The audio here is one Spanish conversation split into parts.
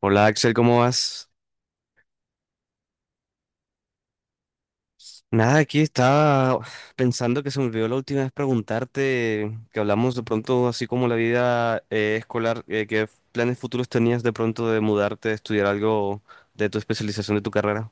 Hola Axel, ¿cómo vas? Nada, aquí estaba pensando que se me olvidó la última vez preguntarte, que hablamos de pronto así como la vida escolar, ¿qué planes futuros tenías de pronto de mudarte, de estudiar algo de tu especialización de tu carrera?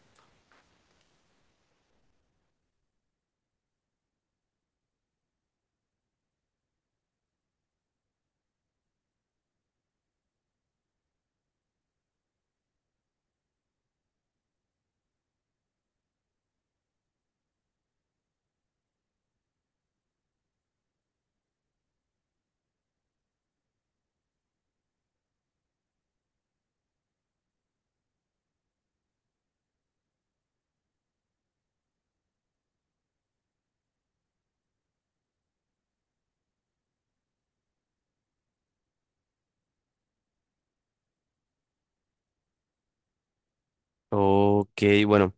Ok, bueno,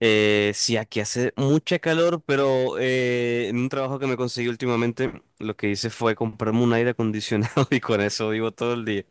sí, aquí hace mucha calor, pero en un trabajo que me conseguí últimamente, lo que hice fue comprarme un aire acondicionado y con eso vivo todo el día.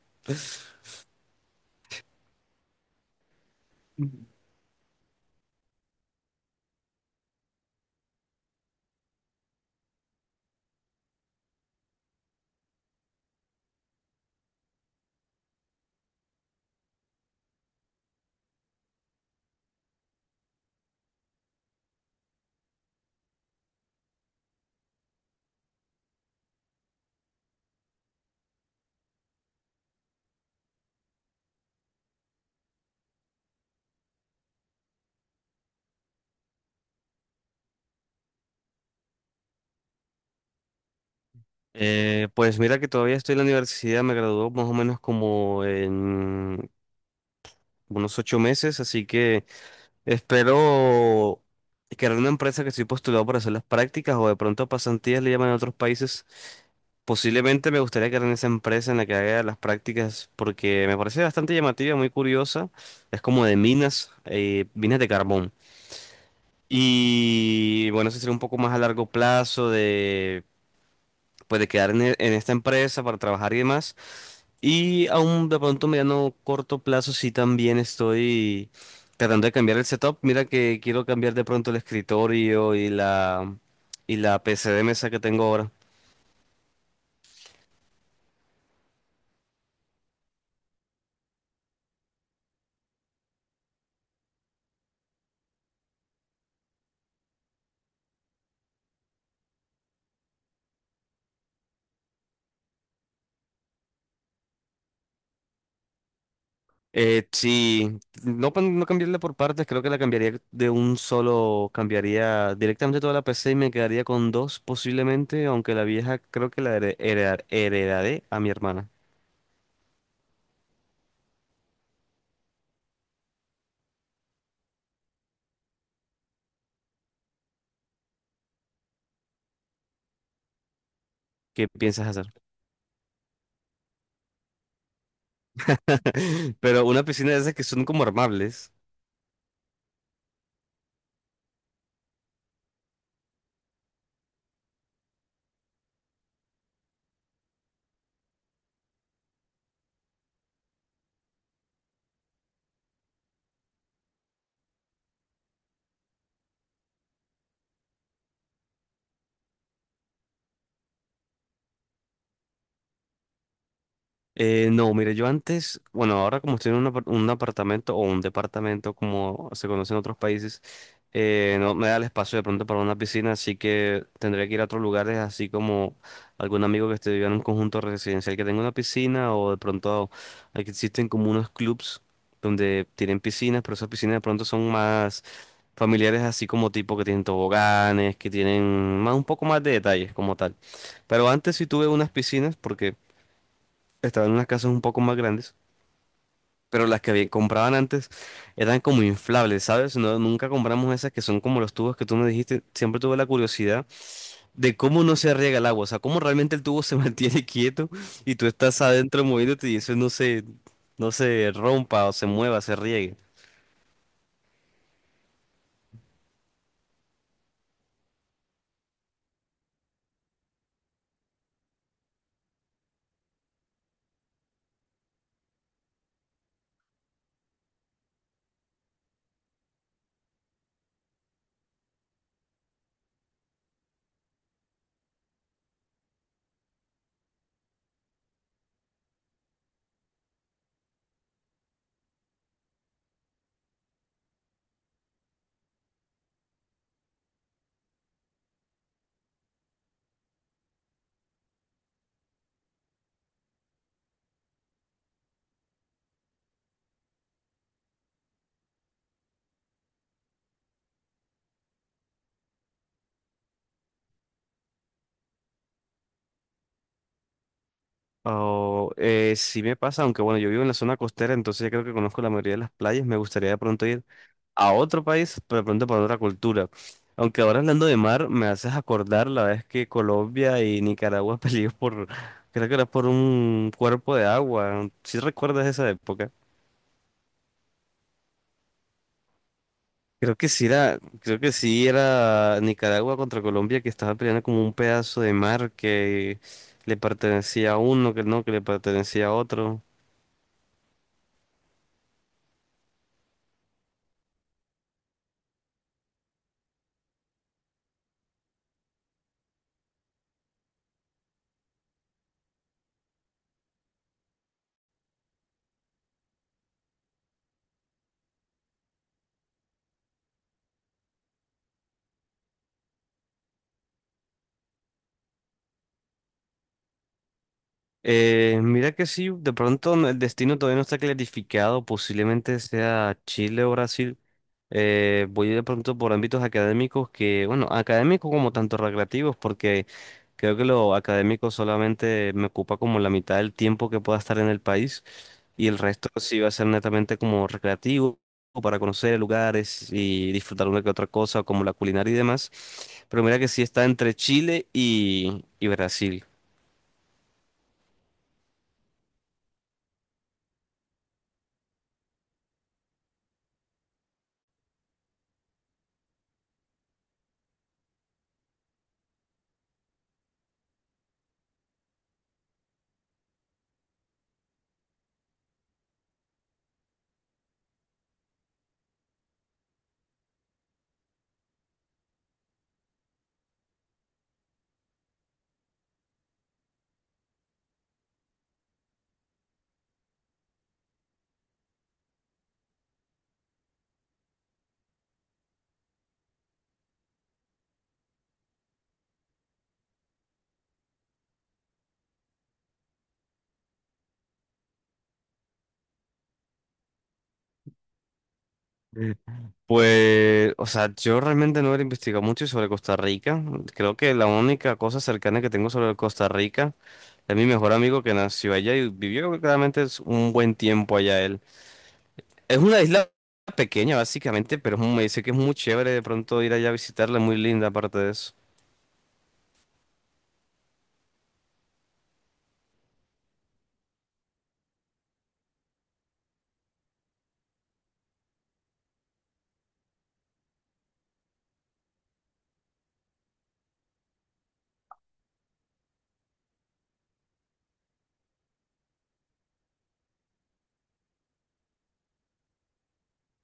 Pues mira que todavía estoy en la universidad, me graduó más o menos como en unos 8 meses, así que espero crear una empresa que estoy postulado para hacer las prácticas o de pronto pasantías le llaman en otros países. Posiblemente me gustaría crear esa empresa en la que haga las prácticas porque me parece bastante llamativa, muy curiosa. Es como de minas, minas de carbón. Y bueno, eso sería un poco más a largo plazo de, pues, de quedar en, en esta empresa para trabajar y demás. Y aún de pronto mediano corto plazo sí también estoy tratando de cambiar el setup. Mira que quiero cambiar de pronto el escritorio y la p c de mesa que tengo ahora. Sí, no, no cambiarla por partes, creo que la cambiaría de un solo, cambiaría directamente toda la p c y me quedaría con dos posiblemente, aunque la vieja creo que la heredaré a mi hermana. ¿Qué piensas hacer? Pero una piscina de esas que son como armables. No, mire, yo antes, bueno, ahora como estoy en un, un apartamento o un departamento como se conoce en otros países, no me da el espacio de pronto para una piscina, así que tendría que ir a otros lugares, así como algún amigo que esté viviendo en un conjunto residencial que tenga una piscina o de pronto aquí existen como unos clubs donde tienen piscinas, pero esas piscinas de pronto son más familiares, así como tipo que tienen toboganes, que tienen más un poco más de detalles como tal. Pero antes sí tuve unas piscinas porque estaban en unas casas un poco más grandes, pero las que compraban antes eran como inflables, ¿sabes? No, nunca compramos esas que son como los tubos que tú me dijiste. Siempre tuve la curiosidad de cómo no se riega el agua, o sea, cómo realmente el tubo se mantiene quieto y tú estás adentro moviéndote y eso no se, no se rompa o se mueva, se riegue. Oh, sí me pasa, aunque bueno, yo vivo en la zona costera, entonces ya creo que conozco la mayoría de las playas. Me gustaría de pronto ir a otro país, pero de pronto para otra cultura. Aunque ahora hablando de mar, me haces acordar la vez que Colombia y Nicaragua peleó por, creo que era por un cuerpo de agua. ¿Sí recuerdas esa época? Creo que sí era, creo que sí era Nicaragua contra Colombia que estaba peleando como un pedazo de mar que le pertenecía a uno, que no, que le pertenecía a otro. Mira que sí, de pronto el destino todavía no está clarificado, posiblemente sea Chile o Brasil. Voy de pronto por ámbitos académicos que, bueno, académicos como tanto recreativos, porque creo que lo académico solamente me ocupa como la mitad del tiempo que pueda estar en el país y el resto sí va a ser netamente como recreativo o para conocer lugares y disfrutar una que otra cosa, como la culinaria y demás. Pero mira que sí está entre Chile y Brasil. Pues, o sea, yo realmente no he investigado mucho sobre Costa Rica. Creo que la única cosa cercana que tengo sobre Costa Rica es mi mejor amigo que nació allá y vivió claramente es un buen tiempo allá él. Es una isla pequeña básicamente, pero es me dice que es muy chévere de pronto ir allá a visitarla, muy linda aparte de eso.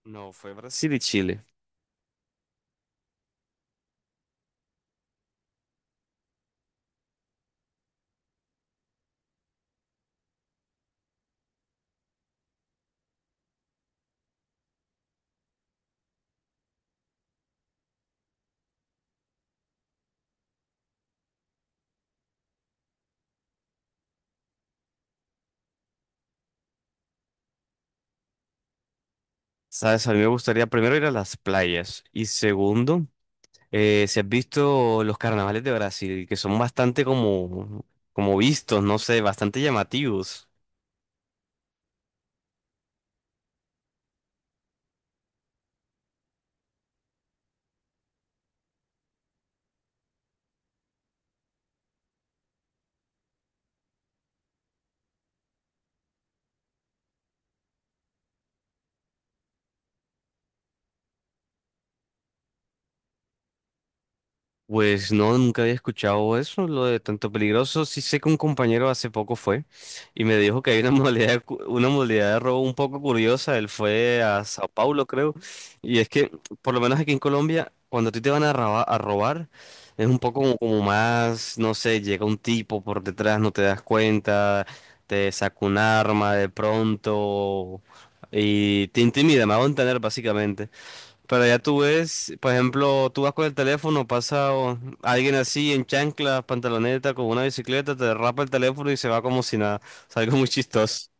No, fue Brasil y Chile. Sabes, a mí me gustaría primero ir a las playas y segundo... Si has visto los carnavales de Brasil, que son bastante como, como vistos, no sé, bastante llamativos. Pues no, nunca había escuchado eso, lo de tanto peligroso. Sí sé que un compañero hace poco fue y me dijo que hay una modalidad, una modalidad de robo un poco curiosa. Él fue a Sao Paulo, creo. Y es que, por lo menos aquí en Colombia, cuando a ti te van a a robar, es un poco como, como más, no sé, llega un tipo por detrás, no te das cuenta, te saca un arma de pronto y te intimida, me hago entender básicamente. Pero ya tú ves, por ejemplo, tú vas con el teléfono, pasa alguien así en chanclas, pantaloneta, con una bicicleta, te derrapa el teléfono y se va como si nada. Es algo muy chistoso.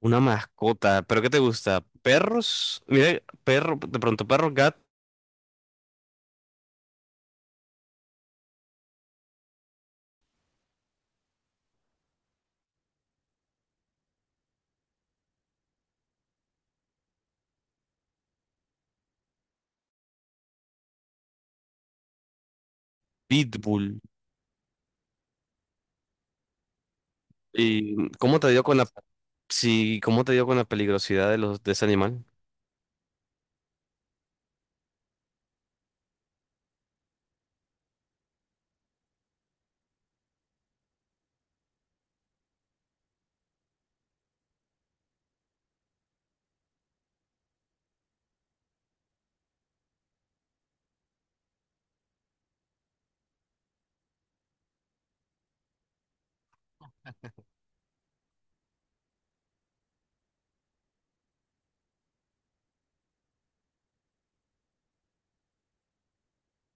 Una mascota, ¿pero qué te gusta? ¿Perros? Mira, perro, de pronto perro, gat, pitbull. ¿Y cómo te dio con la, sí, cómo te dio con la peligrosidad de los de ese animal?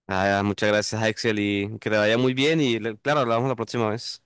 Ah, muchas gracias, Axel, y que te vaya muy bien y claro, hablamos la próxima vez.